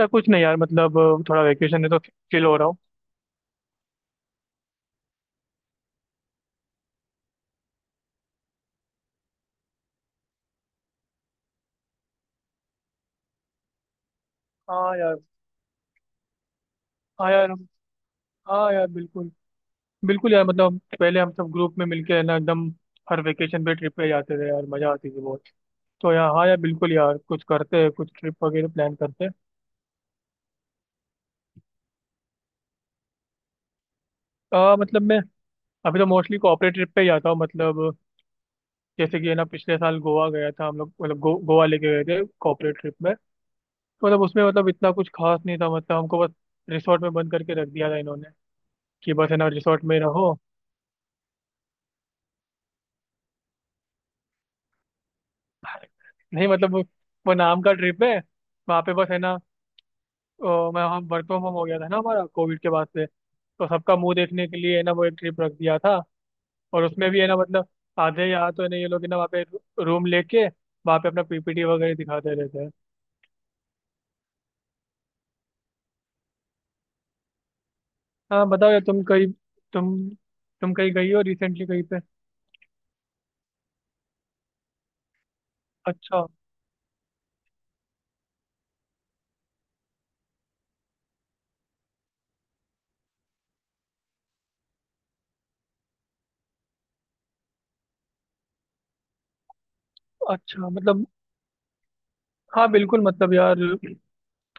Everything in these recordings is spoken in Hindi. या कुछ नहीं यार मतलब थोड़ा वेकेशन है तो चिल हो रहा हूँ। हाँ यार। हाँ यार। हाँ यार बिल्कुल। बिल्कुल यार मतलब पहले हम सब ग्रुप में मिलके है ना एकदम हर वेकेशन पे ट्रिप पे जाते थे यार, मजा आती थी बहुत। तो यार हाँ यार बिल्कुल यार कुछ करते हैं, कुछ ट्रिप वगैरह प्लान करते हैं। मतलब मैं अभी तो मोस्टली कॉर्पोरेट ट्रिप पे ही जाता हूँ। मतलब जैसे कि है ना पिछले साल गोवा गया था हम लोग, मतलब गोवा लेके गए थे कॉर्पोरेट ट्रिप में। तो मतलब उसमें मतलब इतना कुछ खास नहीं था, मतलब हमको बस रिसोर्ट में बंद करके रख दिया था इन्होंने कि बस है ना रिसोर्ट में रहो। नहीं मतलब वो नाम का ट्रिप है। वहाँ पे बस है ना। मैं हम वर्क फ्रॉम होम हो गया था ना हमारा कोविड के बाद से, तो सबका मुंह देखने के लिए है ना वो एक ट्रिप रख दिया था। और उसमें भी है ना मतलब आधे यहाँ तो है ना ये लोग है ना वहाँ पे रूम लेके वहाँ पे अपना पीपीटी वगैरह दिखाते रहते हैं। हाँ बताओ यार। तुम तुम कहीं गई हो रिसेंटली कहीं पे? अच्छा। अच्छा मतलब हाँ बिल्कुल मतलब यार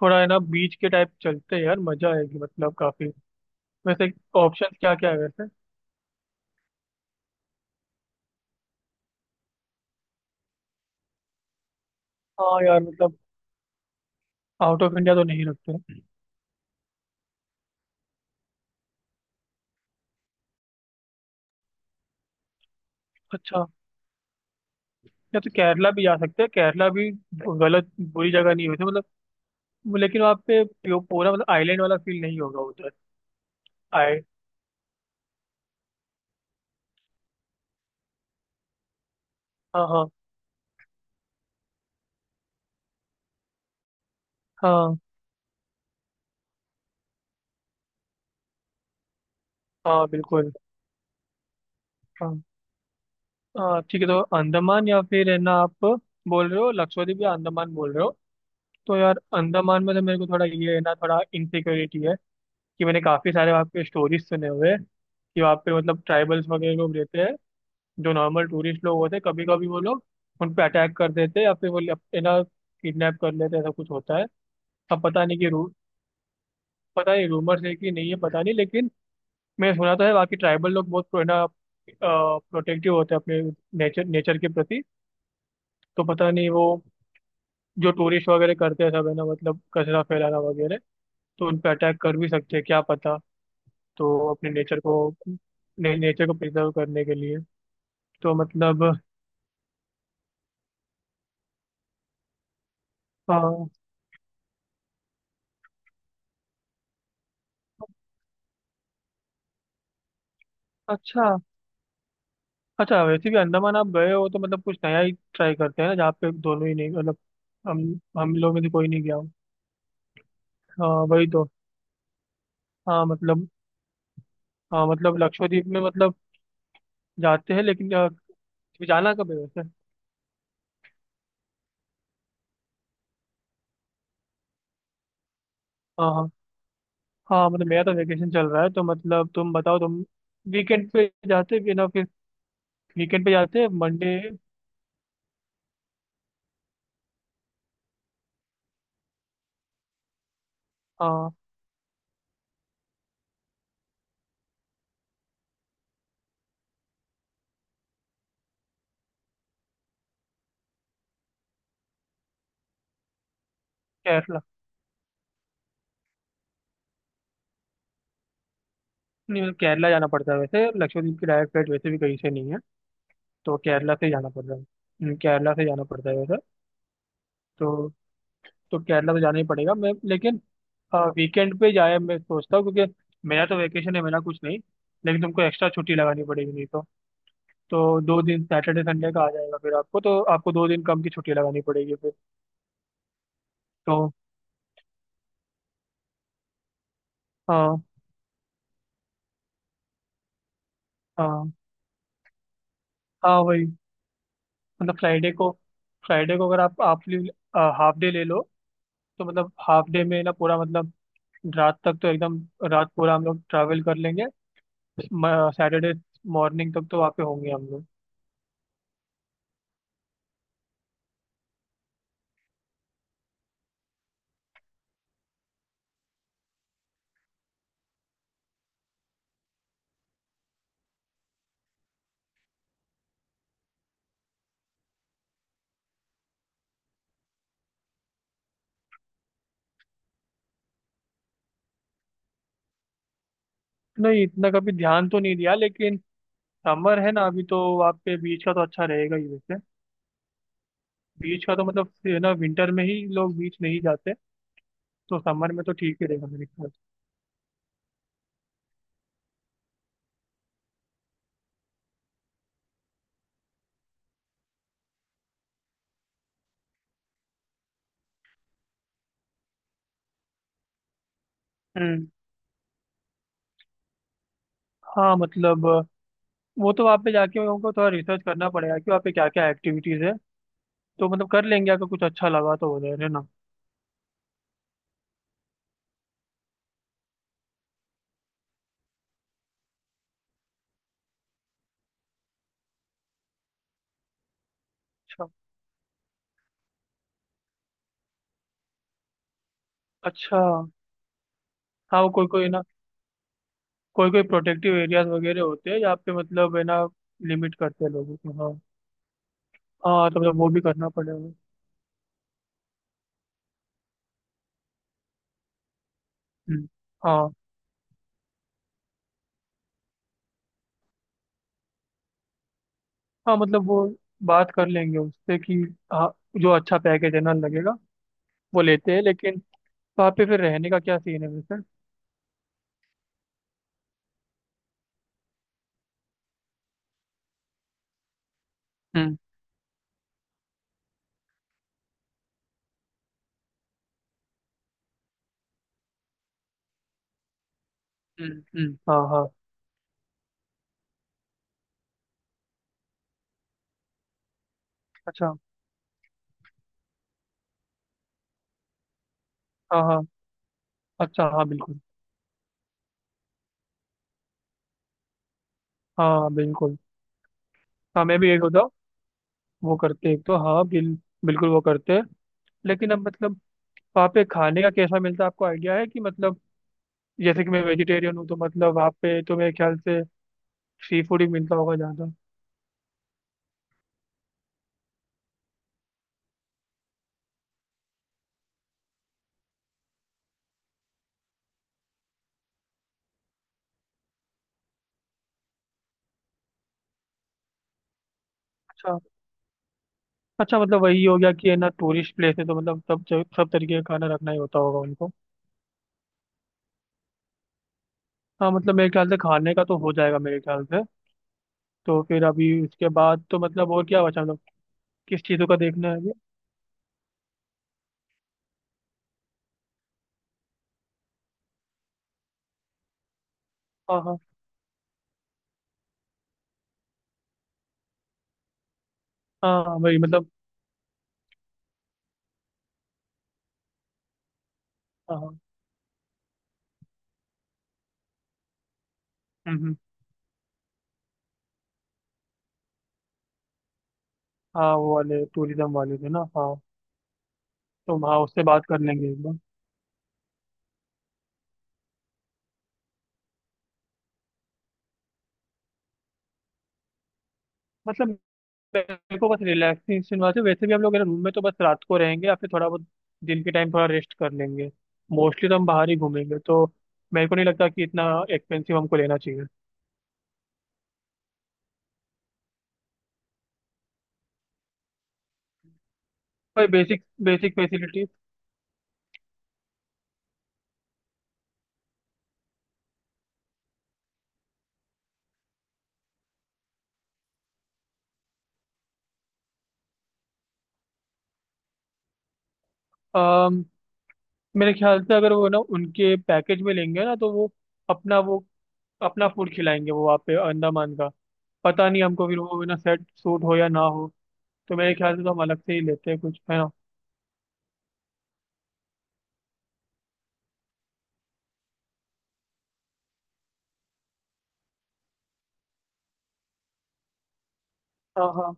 थोड़ा है ना बीच के टाइप चलते हैं यार, मजा आएगी मतलब काफी। वैसे ऑप्शन क्या क्या है वैसे? हाँ यार मतलब आउट ऑफ इंडिया तो नहीं रखते। अच्छा। या तो केरला भी जा सकते हैं, केरला भी गलत बुरी जगह नहीं हुई थी मतलब, लेकिन वहाँ पे पूरा मतलब आइलैंड वाला फील नहीं होगा उधर। आए। हाँ हाँ। हाँ हाँ बिल्कुल। हाँ। हाँ ठीक है तो अंडमान या फिर है ना आप बोल रहे हो, लक्षद्वीप या अंडमान बोल रहे हो? तो यार अंडमान में तो मेरे को थोड़ा ये है ना थोड़ा इनसिक्योरिटी है कि मैंने काफ़ी सारे वहाँ पे स्टोरीज सुने हुए हैं कि वहाँ पे मतलब ट्राइबल्स वगैरह लोग रहते हैं। जो नॉर्मल टूरिस्ट लोग होते हैं कभी कभी वो लोग उन पे अटैक कर देते हैं, या फिर वो है ना किडनैप कर लेते हैं, ऐसा कुछ होता है। अब पता नहीं कि रू पता नहीं रूमर्स है कि नहीं है पता नहीं, लेकिन मैंने सुना तो है। बाकी ट्राइबल लोग बहुत है ना प्रोटेक्टिव होते हैं अपने नेचर नेचर के प्रति। तो पता नहीं वो जो टूरिस्ट वगैरह करते हैं सब है ना मतलब कचरा फैलाना वगैरह, तो उन पे अटैक कर भी सकते हैं क्या पता। तो अपने नेचर को प्रिजर्व करने के लिए। तो मतलब हाँ। अच्छा। अच्छा वैसे भी अंडमान आप गए हो तो मतलब कुछ नया ही ट्राई करते हैं ना जहाँ पे दोनों ही नहीं, मतलब हम लोग में से कोई नहीं गया हो। हाँ वही तो। हाँ मतलब। हाँ मतलब लक्षद्वीप में मतलब जाते हैं, लेकिन जाना कब है वैसे? हाँ हाँ। हाँ मतलब मेरा तो वेकेशन चल रहा है तो मतलब तुम बताओ। तुम वीकेंड पे जाते भी ना फिर? वीकेंड पे जाते हैं मंडे। हाँ। केरला। नहीं मतलब केरला जाना पड़ता है वैसे, लक्षद्वीप की डायरेक्ट फ्लाइट वैसे भी कहीं से नहीं है, तो केरला से जाना पड़ रहा है। केरला से जाना पड़ता है वैसे। तो तो केरला तो जाना ही पड़ेगा मैं, लेकिन वीकेंड पे जाए मैं सोचता हूँ क्योंकि मेरा तो वेकेशन है, मेरा कुछ नहीं, लेकिन तुमको एक्स्ट्रा छुट्टी लगानी पड़ेगी नहीं तो। तो दो दिन सैटरडे संडे का आ जाएगा फिर, आपको तो आपको दो दिन कम की छुट्टी लगानी पड़ेगी फिर। तो हाँ हाँ। हाँ वही मतलब फ्राइडे को अगर आप हाफ हाफ डे ले लो तो मतलब हाफ डे में ना पूरा मतलब रात तक तो एकदम रात पूरा हम लोग ट्रैवल कर लेंगे। सैटरडे मॉर्निंग तक तो वहाँ पे होंगे हम लोग। नहीं इतना कभी ध्यान तो नहीं दिया, लेकिन समर है ना अभी, तो वहाँ पे बीच का तो अच्छा रहेगा ही वैसे। बीच का तो मतलब ये ना विंटर में ही लोग बीच नहीं जाते, तो समर में तो ठीक ही रहेगा मेरे ख्याल से। हम्म। हाँ मतलब वो तो वहाँ पे जाके उनको थोड़ा रिसर्च करना पड़ेगा कि वहाँ पे क्या क्या एक्टिविटीज है, तो मतलब कर लेंगे अगर कुछ अच्छा लगा तो उधर है ना। अच्छा। अच्छा हाँ वो कोई कोई ना कोई कोई प्रोटेक्टिव एरियाज वगैरह होते हैं जहाँ पे मतलब है ना लिमिट करते हैं लोगों को। हाँ। हाँ तो मतलब वो भी करना पड़ेगा। हम्म। हाँ हाँ मतलब वो बात कर लेंगे उससे कि हाँ, जो अच्छा पैकेज है ना लगेगा वो लेते हैं, लेकिन वहाँ पे फिर रहने का क्या सीन है वैसे? हम्म हम्म हम्म। हाँ हाँ। अच्छा। हाँ हाँ। अच्छा। हाँ बिल्कुल। हाँ बिल्कुल। हाँ मैं भी एक होता वो करते एक तो, हाँ बिल्कुल वो करते हैं, लेकिन अब मतलब वहाँ पे खाने का कैसा मिलता है आपको आइडिया है कि मतलब? जैसे कि मैं वेजिटेरियन हूँ तो मतलब वहाँ पे तो मेरे ख्याल से सी फूड ही मिलता होगा ज़्यादा। अच्छा। अच्छा मतलब वही हो गया कि है ना टूरिस्ट प्लेस है तो मतलब सब तरीके का खाना रखना ही होता होगा उनको। हाँ मतलब मेरे ख्याल से खाने का तो हो जाएगा मेरे ख्याल से। तो फिर अभी उसके बाद तो मतलब और क्या बचा मतलब? किस चीज़ों का देखना है अभी? हाँ हाँ। हाँ हाँ, वही मतलब। हाँ हाँ। हम्म, हम्म, हाँ वो वाले टूरिज्म वाले थे ना, हाँ तो हाँ उससे बात कर लेंगे एक बार मतलब। मेरे को बस रिलैक्सेशन वास्ते, वैसे भी हम लोग रूम में तो बस रात को रहेंगे या फिर थोड़ा बहुत दिन के टाइम थोड़ा रेस्ट कर लेंगे, मोस्टली तो हम बाहर ही घूमेंगे, तो मेरे को नहीं लगता कि इतना एक्सपेंसिव हमको लेना चाहिए। भाई बेसिक बेसिक फैसिलिटी। मेरे ख्याल से अगर वो ना उनके पैकेज में लेंगे ना तो वो अपना फूड खिलाएंगे वो, वहाँ पे अंडमान का पता नहीं हमको फिर वो ना सेट सूट हो या ना हो। तो मेरे ख्याल से तो हम अलग से ही लेते हैं कुछ है ना। हाँ हाँ।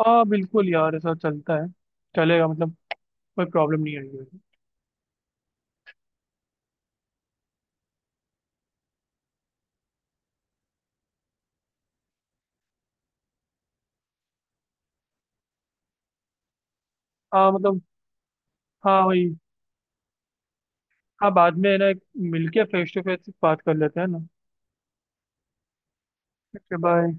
हाँ बिल्कुल यार ऐसा चलता है, चलेगा मतलब, कोई प्रॉब्लम नहीं आई है। हाँ मतलब। हाँ वही। हाँ बाद में है ना मिलके फेस टू फेस बात कर लेते हैं ना। Okay bye.